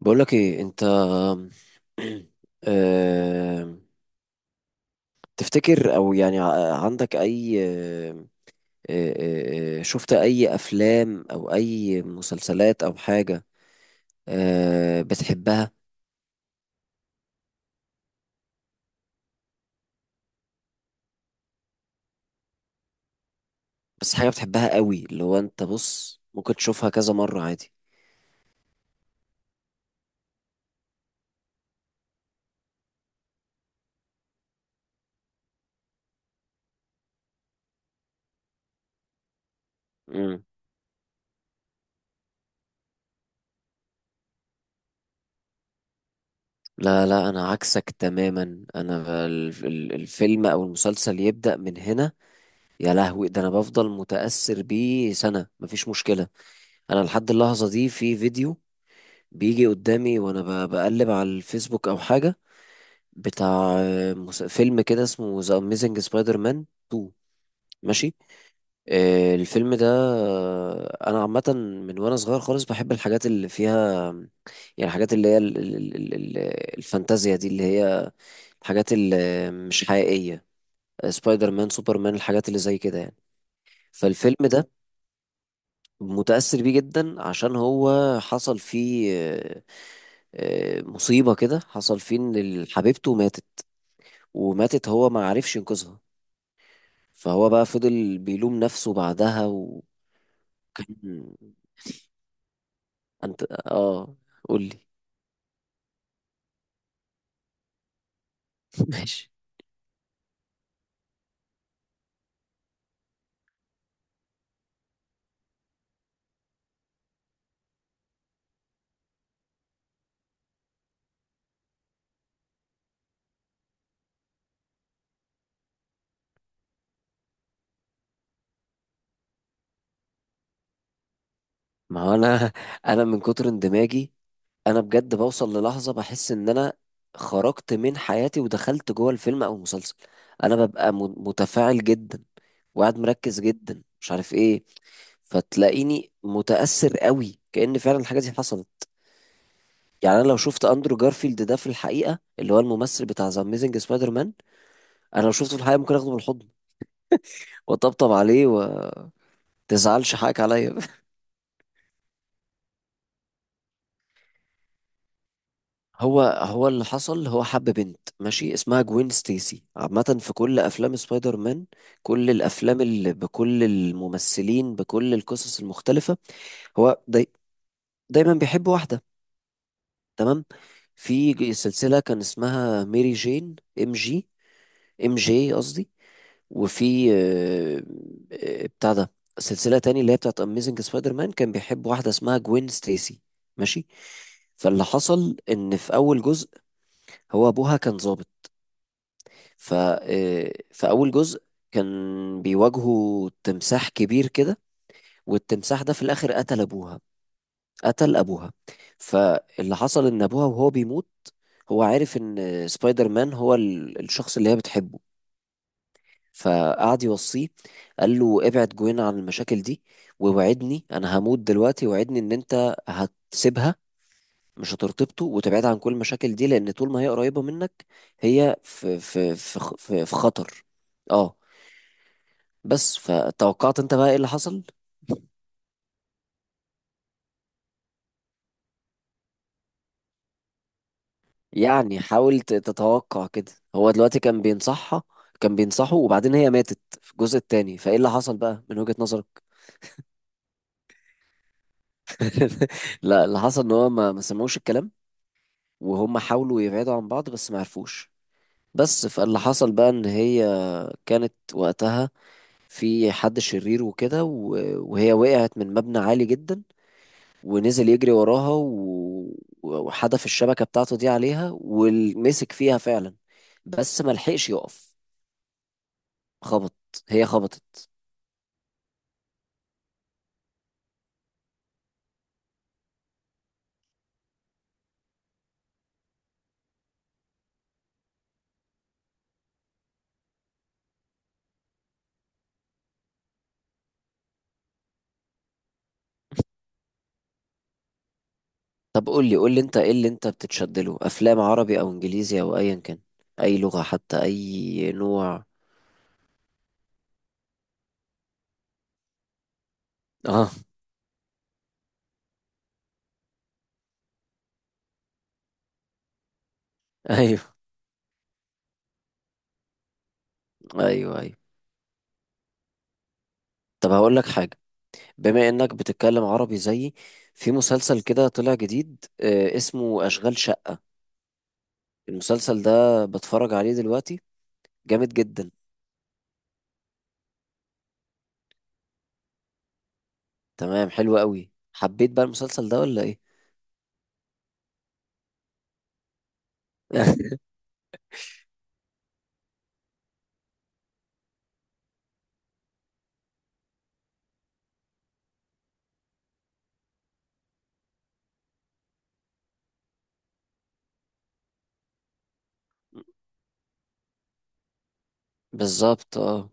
بقولك ايه انت؟ آم، تفتكر او يعني عندك اي آم، آه، آه، آه، شفت اي افلام او اي مسلسلات او حاجة بتحبها؟ بس حاجة بتحبها قوي، اللي هو انت بص ممكن تشوفها كذا مرة عادي. مم. لا، لا، انا عكسك تماما. انا الفيلم او المسلسل يبدأ من هنا، يا لهوي ده انا بفضل متأثر بيه سنة، مفيش مشكلة. انا لحد اللحظة دي في فيديو بيجي قدامي وانا بقلب على الفيسبوك او حاجه، بتاع فيلم كده اسمه ذا اميزنج سبايدر مان 2. ماشي. الفيلم ده، انا عامه من وانا صغير خالص بحب الحاجات اللي فيها، يعني الحاجات اللي هي الفانتازيا دي، اللي هي الحاجات اللي مش حقيقيه، سبايدر مان، سوبر مان، الحاجات اللي زي كده يعني. فالفيلم ده متأثر بيه جدا، عشان هو حصل فيه مصيبة كده، حصل فيه ان حبيبته ماتت، وماتت هو ما عرفش ينقذها، فهو بقى فضل بيلوم نفسه بعدها، وكان. انت اه. قول لي. ماشي. ما هو انا انا من كتر اندماجي انا بجد بوصل للحظة بحس ان انا خرجت من حياتي ودخلت جوه الفيلم او المسلسل. انا ببقى متفاعل جدا وقاعد مركز جدا، مش عارف ايه، فتلاقيني متأثر قوي كأن فعلا الحاجة دي حصلت. يعني انا لو شفت اندرو جارفيلد ده في الحقيقة، اللي هو الممثل بتاع ذا اميزنج سبايدر مان، انا لو شفته في الحقيقه ممكن اخده بالحضن واطبطب عليه و تزعلش، حقك عليا. هو اللي حصل، هو حب بنت، ماشي، اسمها جوين ستيسي. عامة في كل أفلام سبايدر مان، كل الأفلام اللي بكل الممثلين بكل القصص المختلفة، هو دايما بيحب واحدة. تمام. في سلسلة كان اسمها ميري جين، ام جي، ام جي قصدي. وفي بتاع ده، سلسلة تاني اللي هي بتاعت أميزنج سبايدر مان، كان بيحب واحدة اسمها جوين ستيسي. ماشي. فاللي حصل إن في أول جزء هو أبوها كان ظابط، ف في أول جزء كان بيواجهوا تمساح كبير كده، والتمساح ده في الآخر قتل أبوها. قتل أبوها. فاللي حصل إن أبوها وهو بيموت هو عارف إن سبايدر مان هو الشخص اللي هي بتحبه، فقعد يوصيه، قال له ابعد جوين عن المشاكل دي، ووعدني انا هموت دلوقتي، وعدني ان انت هتسيبها، مش هترتبطه وتبعد عن كل المشاكل دي، لان طول ما هي قريبة منك هي في خطر. اه. بس فتوقعت انت بقى ايه اللي حصل؟ يعني حاول تتوقع كده، هو دلوقتي كان بينصحها، كان بينصحه، وبعدين هي ماتت في الجزء التاني، فايه اللي حصل بقى من وجهة نظرك؟ لا، اللي حصل ان هو ما سمعوش الكلام، وهم حاولوا يبعدوا عن بعض بس ما عرفوش. بس فاللي حصل بقى ان هي كانت وقتها في حد شرير وكده، وهي وقعت من مبنى عالي جدا، ونزل يجري وراها وحدف الشبكة بتاعته دي عليها ومسك فيها فعلا، بس ما لحقش يقف، خبط. هي خبطت. طب قول لي، قول لي انت ايه اللي انت بتتشد له، افلام عربي او انجليزي او ايا كان، اي لغة، حتى اي نوع. اه. ايوه، ايوه، ايوه. طب هقول لك حاجة، بما انك بتتكلم عربي زيي، في مسلسل كده طلع جديد اسمه اشغال شقة، المسلسل ده بتفرج عليه دلوقتي؟ جامد جدا. تمام، حلو قوي، حبيت بقى المسلسل ده ولا ايه؟ بالظبط، اه.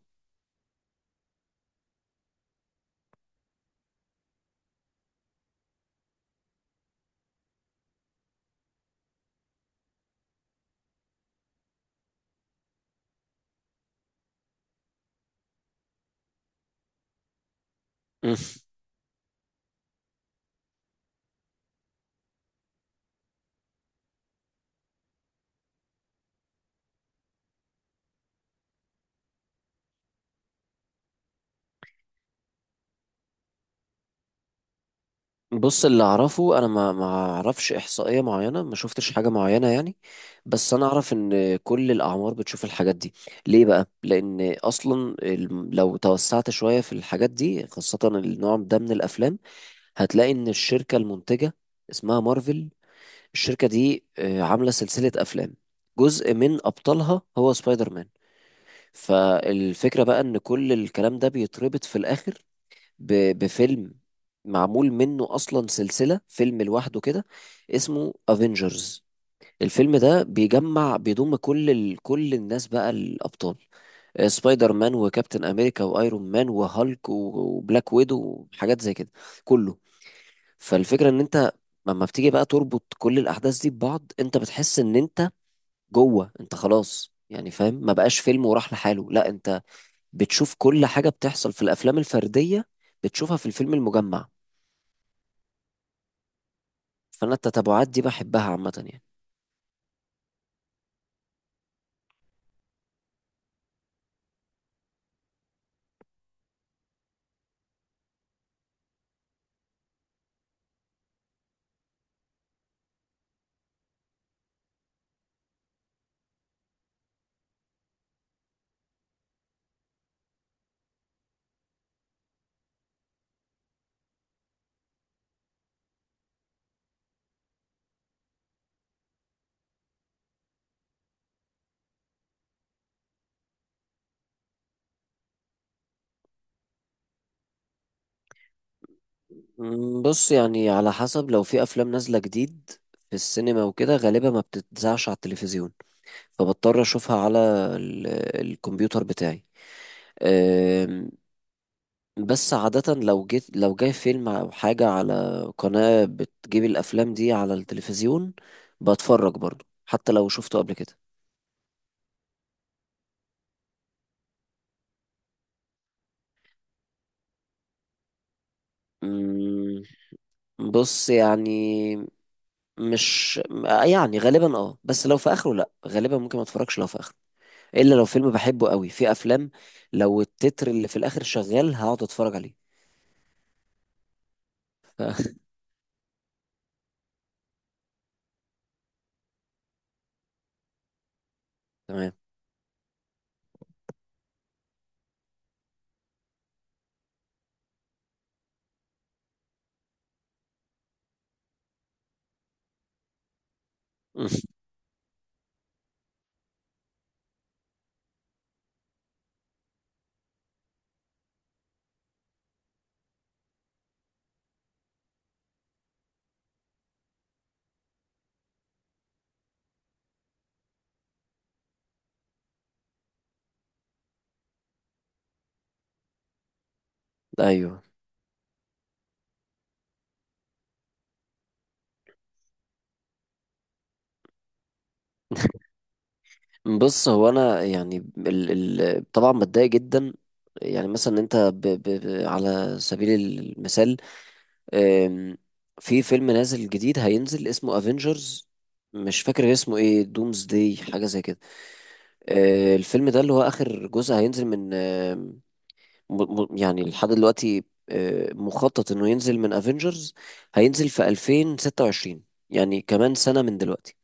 مم. بص اللي اعرفه انا، ما اعرفش احصائيه معينه، ما شفتش حاجه معينه يعني، بس انا اعرف ان كل الاعمار بتشوف الحاجات دي. ليه بقى؟ لان اصلا لو توسعت شويه في الحاجات دي، خاصه النوع ده من الافلام، هتلاقي ان الشركة المنتجة اسمها مارفل، الشركة دي عاملة سلسلة افلام، جزء من ابطالها هو سبايدر مان. فالفكرة بقى ان كل الكلام ده بيتربط في الاخر بفيلم معمول منه اصلا سلسلة فيلم لوحده كده، اسمه افنجرز. الفيلم ده بيجمع، بيضم كل كل الناس بقى، الابطال، سبايدر مان وكابتن امريكا وايرون مان وهالك وبلاك ويدو وحاجات زي كده، كله. فالفكرة ان انت لما بتيجي بقى تربط كل الاحداث دي ببعض، انت بتحس ان انت جوه، انت خلاص يعني فاهم، ما بقاش فيلم وراح لحاله، لا، انت بتشوف كل حاجة بتحصل في الافلام الفردية بتشوفها في الفيلم المجمع، فانا التتابعات دي بحبها عامة يعني. بص يعني على حسب، لو في افلام نازلة جديد في السينما وكده غالبا ما بتتذاعش على التلفزيون، فبضطر اشوفها على ال- الكمبيوتر بتاعي. بس عادة لو جيت لو جاي فيلم أو حاجة على قناة بتجيب الأفلام دي على التلفزيون، بتفرج برضو حتى لو شفته قبل كده. أمم، بص يعني، مش يعني غالبا، اه، بس لو في آخره لأ، غالبا ممكن ما اتفرجش لو في آخره، إلا لو فيلم بحبه قوي، في أفلام لو التتر اللي في الآخر شغال هقعد أتفرج عليه. تمام. أيوه. بص هو انا يعني ال طبعا بتضايق جدا، يعني مثلا انت ب على سبيل المثال، آم، في فيلم نازل جديد هينزل اسمه افنجرز، مش فاكر اسمه ايه، دومز داي حاجه زي كده، الفيلم ده اللي هو اخر جزء هينزل من يعني لحد دلوقتي مخطط انه ينزل من افنجرز هينزل في 2026، يعني كمان سنه من دلوقتي.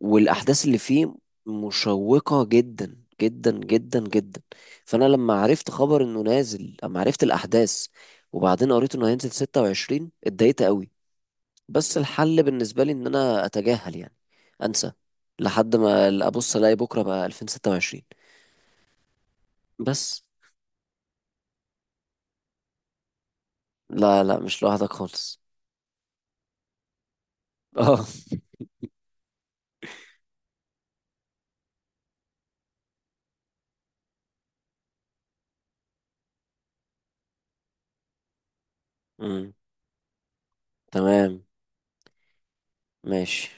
والاحداث اللي فيه مشوقة جدا جدا جدا جدا، فانا لما عرفت خبر انه نازل، لما عرفت الاحداث وبعدين قريت انه هينزل 26، اتضايقت قوي. بس الحل بالنسبة لي ان انا اتجاهل يعني، انسى، لحد ما ابص الاقي بكرة بقى 2026. بس لا، لا، مش لوحدك خالص. اه. أمم، تمام. ماشي.